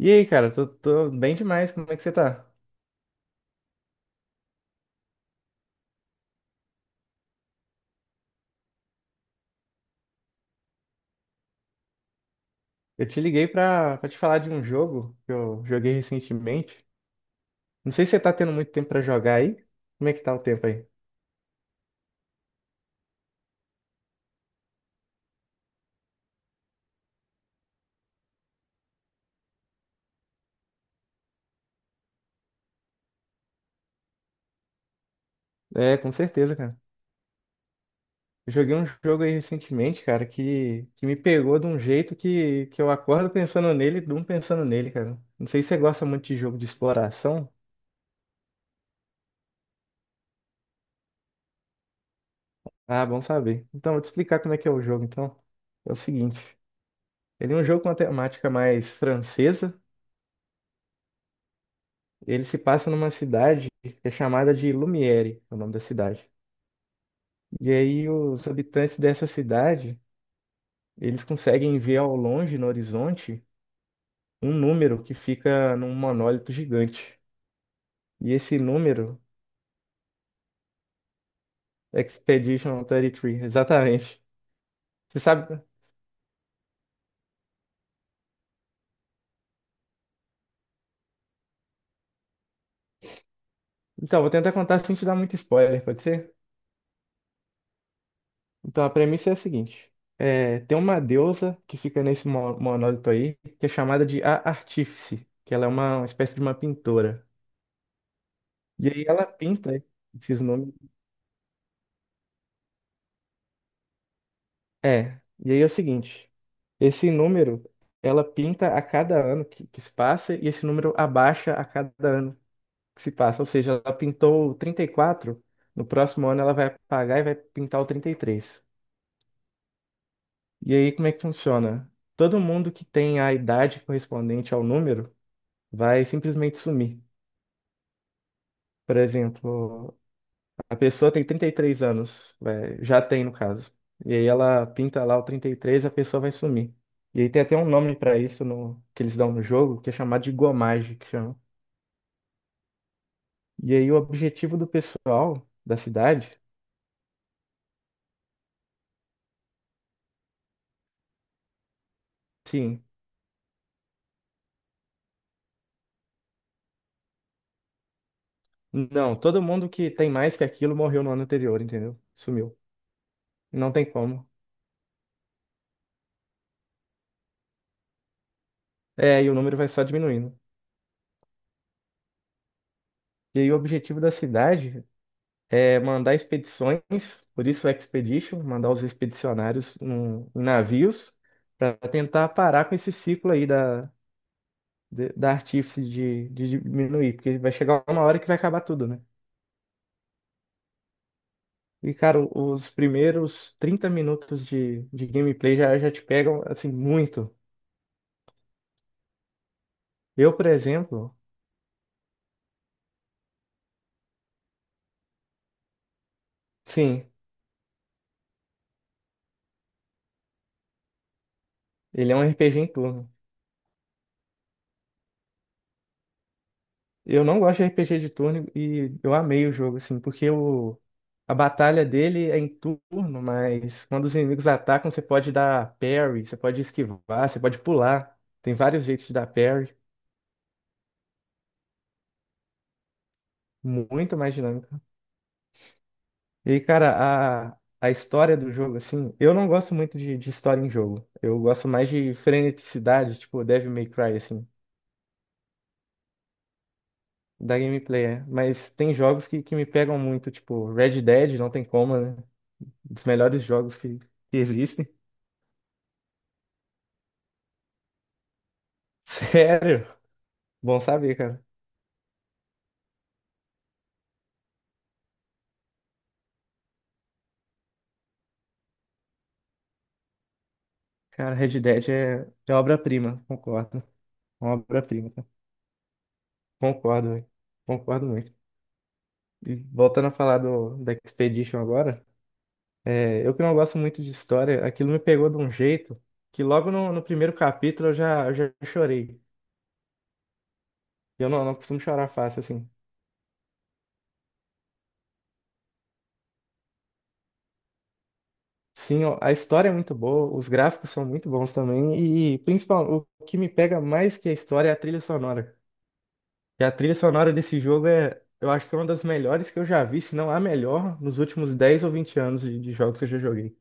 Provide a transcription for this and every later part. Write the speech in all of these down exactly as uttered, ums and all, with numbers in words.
E aí, cara, tô, tô bem demais, como é que você tá? Eu te liguei pra, pra te falar de um jogo que eu joguei recentemente. Não sei se você tá tendo muito tempo pra jogar aí. Como é que tá o tempo aí? É, com certeza, cara. Eu joguei um jogo aí recentemente, cara, que, que me pegou de um jeito que, que eu acordo pensando nele e durmo pensando nele, cara. Não sei se você gosta muito de jogo de exploração. Ah, bom saber. Então, vou te explicar como é que é o jogo, então. É o seguinte, ele é um jogo com uma temática mais francesa. Ele se passa numa cidade que é chamada de Lumiere, é o nome da cidade. E aí os habitantes dessa cidade, eles conseguem ver ao longe, no horizonte, um número que fica num monólito gigante. E esse número, Expedition trinta e três, exatamente. Você sabe? Então, vou tentar contar sem te dar muito spoiler, pode ser? Então, a premissa é a seguinte. É, tem uma deusa que fica nesse mo- monólito aí, que é chamada de A Artífice, que ela é uma uma espécie de uma pintora. E aí ela pinta esses números. É, e aí é o seguinte, esse número, ela pinta a cada ano que, que se passa e esse número abaixa a cada ano que se passa. Ou seja, ela pintou o trinta e quatro, no próximo ano ela vai apagar e vai pintar o trinta e três. E três. E aí como é que funciona? Todo mundo que tem a idade correspondente ao número vai simplesmente sumir. Por exemplo, a pessoa tem trinta e três anos, vai- já tem no caso. E aí ela pinta lá o trinta e três, a pessoa vai sumir. E aí tem até um nome pra isso no- que eles dão no jogo, que é chamado de gomagem, que chama. E aí o objetivo do pessoal da cidade, sim, não, todo mundo que tem mais que aquilo morreu no ano anterior, entendeu? Sumiu. Não tem como. É, e o número vai só diminuindo. E aí o objetivo da cidade é mandar expedições, por isso expedition, mandar os expedicionários em em navios para tentar parar com esse ciclo aí da, de- da artífice de, de diminuir, porque vai chegar uma hora que vai acabar tudo, né? E, cara, os primeiros trinta minutos de, de gameplay já, já te pegam, assim, muito. Eu, por exemplo, sim, ele é um R P G em turno. Eu não gosto de R P G de turno e eu amei o jogo, assim, porque o, a batalha dele é em turno, mas quando os inimigos atacam, você pode dar parry, você pode esquivar, você pode pular. Tem vários jeitos de dar parry, muito mais dinâmico. E, cara, a, a história do jogo, assim, eu não gosto muito de, de história em jogo. Eu gosto mais de freneticidade, tipo Devil May Cry, assim, da gameplay, é. Mas tem jogos que, que me pegam muito, tipo Red Dead, não tem como, né? Um dos melhores jogos que que existem. Sério? Bom saber, cara. Cara, Red Dead é, é obra-prima, concordo. É uma obra-prima, cara. Concordo, velho. Concordo muito. E voltando a falar do, da Expedition agora, é, eu que não gosto muito de história, aquilo me pegou de um jeito que logo no, no primeiro capítulo eu já, eu já chorei. E eu não, não costumo chorar fácil, assim. Sim, ó, a história é muito boa, os gráficos são muito bons também, e principalmente o que me pega mais que a história é a trilha sonora. E a trilha sonora desse jogo é, eu acho que é uma das melhores que eu já vi, se não a melhor, nos últimos dez ou vinte anos de, de jogos que eu já joguei.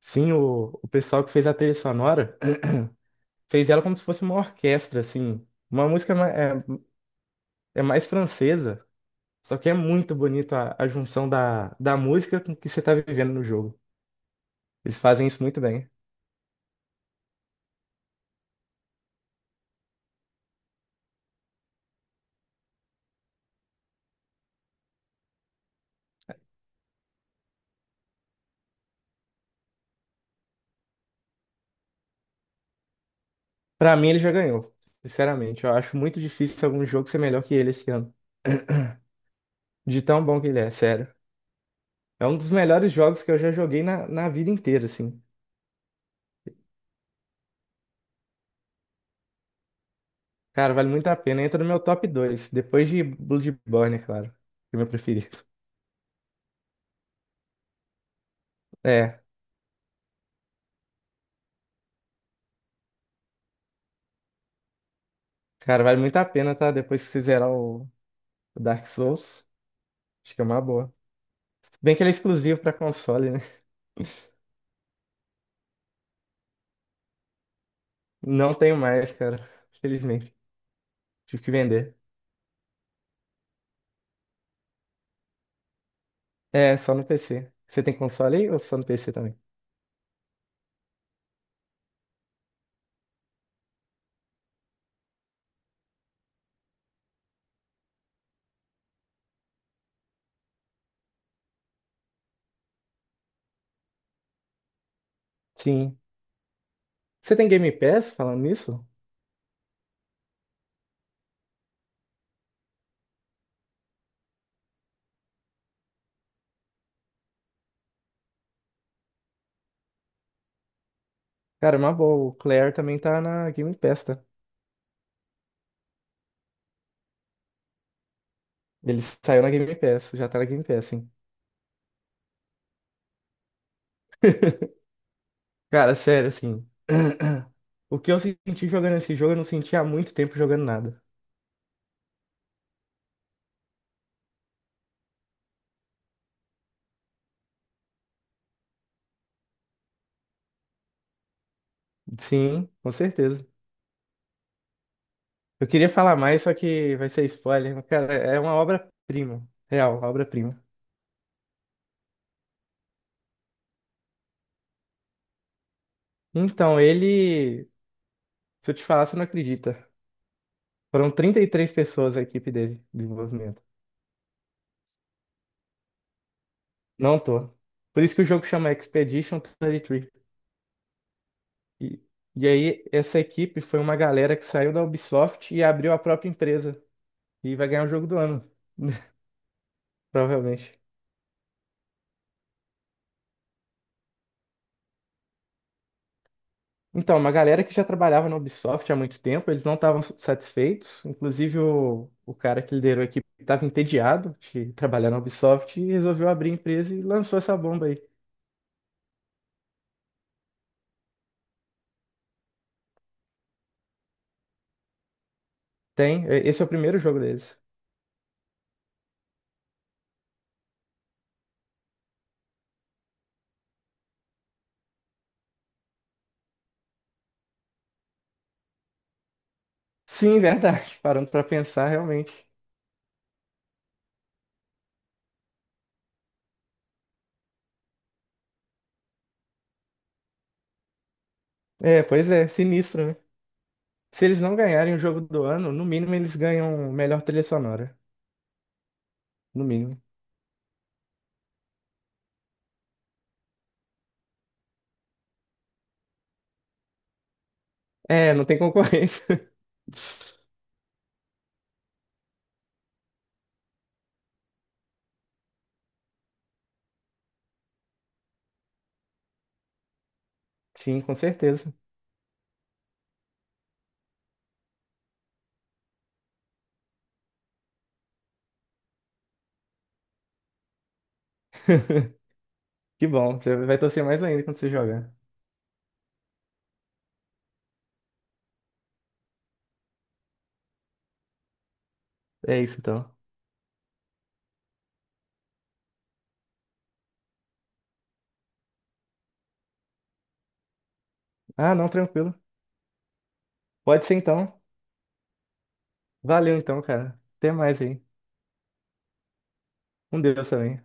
Sim, o, o pessoal que fez a trilha sonora fez ela como se fosse uma orquestra, assim. Uma música ma- é, é mais francesa, só que é muito bonito a, a junção da, da música com o que você tá vivendo no jogo. Eles fazem isso muito bem. Pra mim, ele já ganhou, sinceramente. Eu acho muito difícil algum jogo ser melhor que ele esse ano. De tão bom que ele é, sério. É um dos melhores jogos que eu já joguei na, na vida inteira, assim. Cara, vale muito a pena. Entra no meu top dois, depois de Bloodborne, é claro, que é o meu preferido. É, cara, vale muito a pena, tá? Depois que você zerar o o Dark Souls, acho que é uma boa. Bem que ele é exclusivo pra console, né? Não tenho mais, cara. Felizmente. Tive que vender. É, só no P C. Você tem console aí ou só no P C também? Sim. Você tem Game Pass falando nisso? Cara, é uma boa. O Claire também tá na Game Pass, tá? Ele saiu na Game Pass, já tá na Game Pass, hein? Cara, sério, assim. O que eu senti jogando esse jogo, eu não senti há muito tempo jogando nada. Sim, com certeza. Eu queria falar mais, só que vai ser spoiler. Mas, cara, é uma obra-prima. Real, uma obra-prima. Então, ele. Se eu te falar, você não acredita. Foram trinta e três pessoas a equipe dele, de desenvolvimento. Não tô. Por isso que o jogo chama Expedition trinta e três. E, três. E e aí, essa equipe foi uma galera que saiu da Ubisoft e abriu a própria empresa. E vai ganhar o jogo do ano, provavelmente. Então, uma galera que já trabalhava na Ubisoft há muito tempo, eles não estavam satisfeitos. Inclusive, o, o cara que liderou a equipe estava entediado de trabalhar na Ubisoft e resolveu abrir a empresa e lançou essa bomba aí. Tem, é- esse é o primeiro jogo deles. Sim, verdade. Parando pra pensar, realmente. É, pois é, sinistro, né? Se eles não ganharem o jogo do ano, no mínimo eles ganham melhor trilha sonora. No mínimo. É, não tem concorrência. Sim, com certeza. Que bom, você vai torcer mais ainda quando você jogar. É isso então. Ah, não, tranquilo. Pode ser então. Valeu então, cara. Até mais aí. Com Deus também.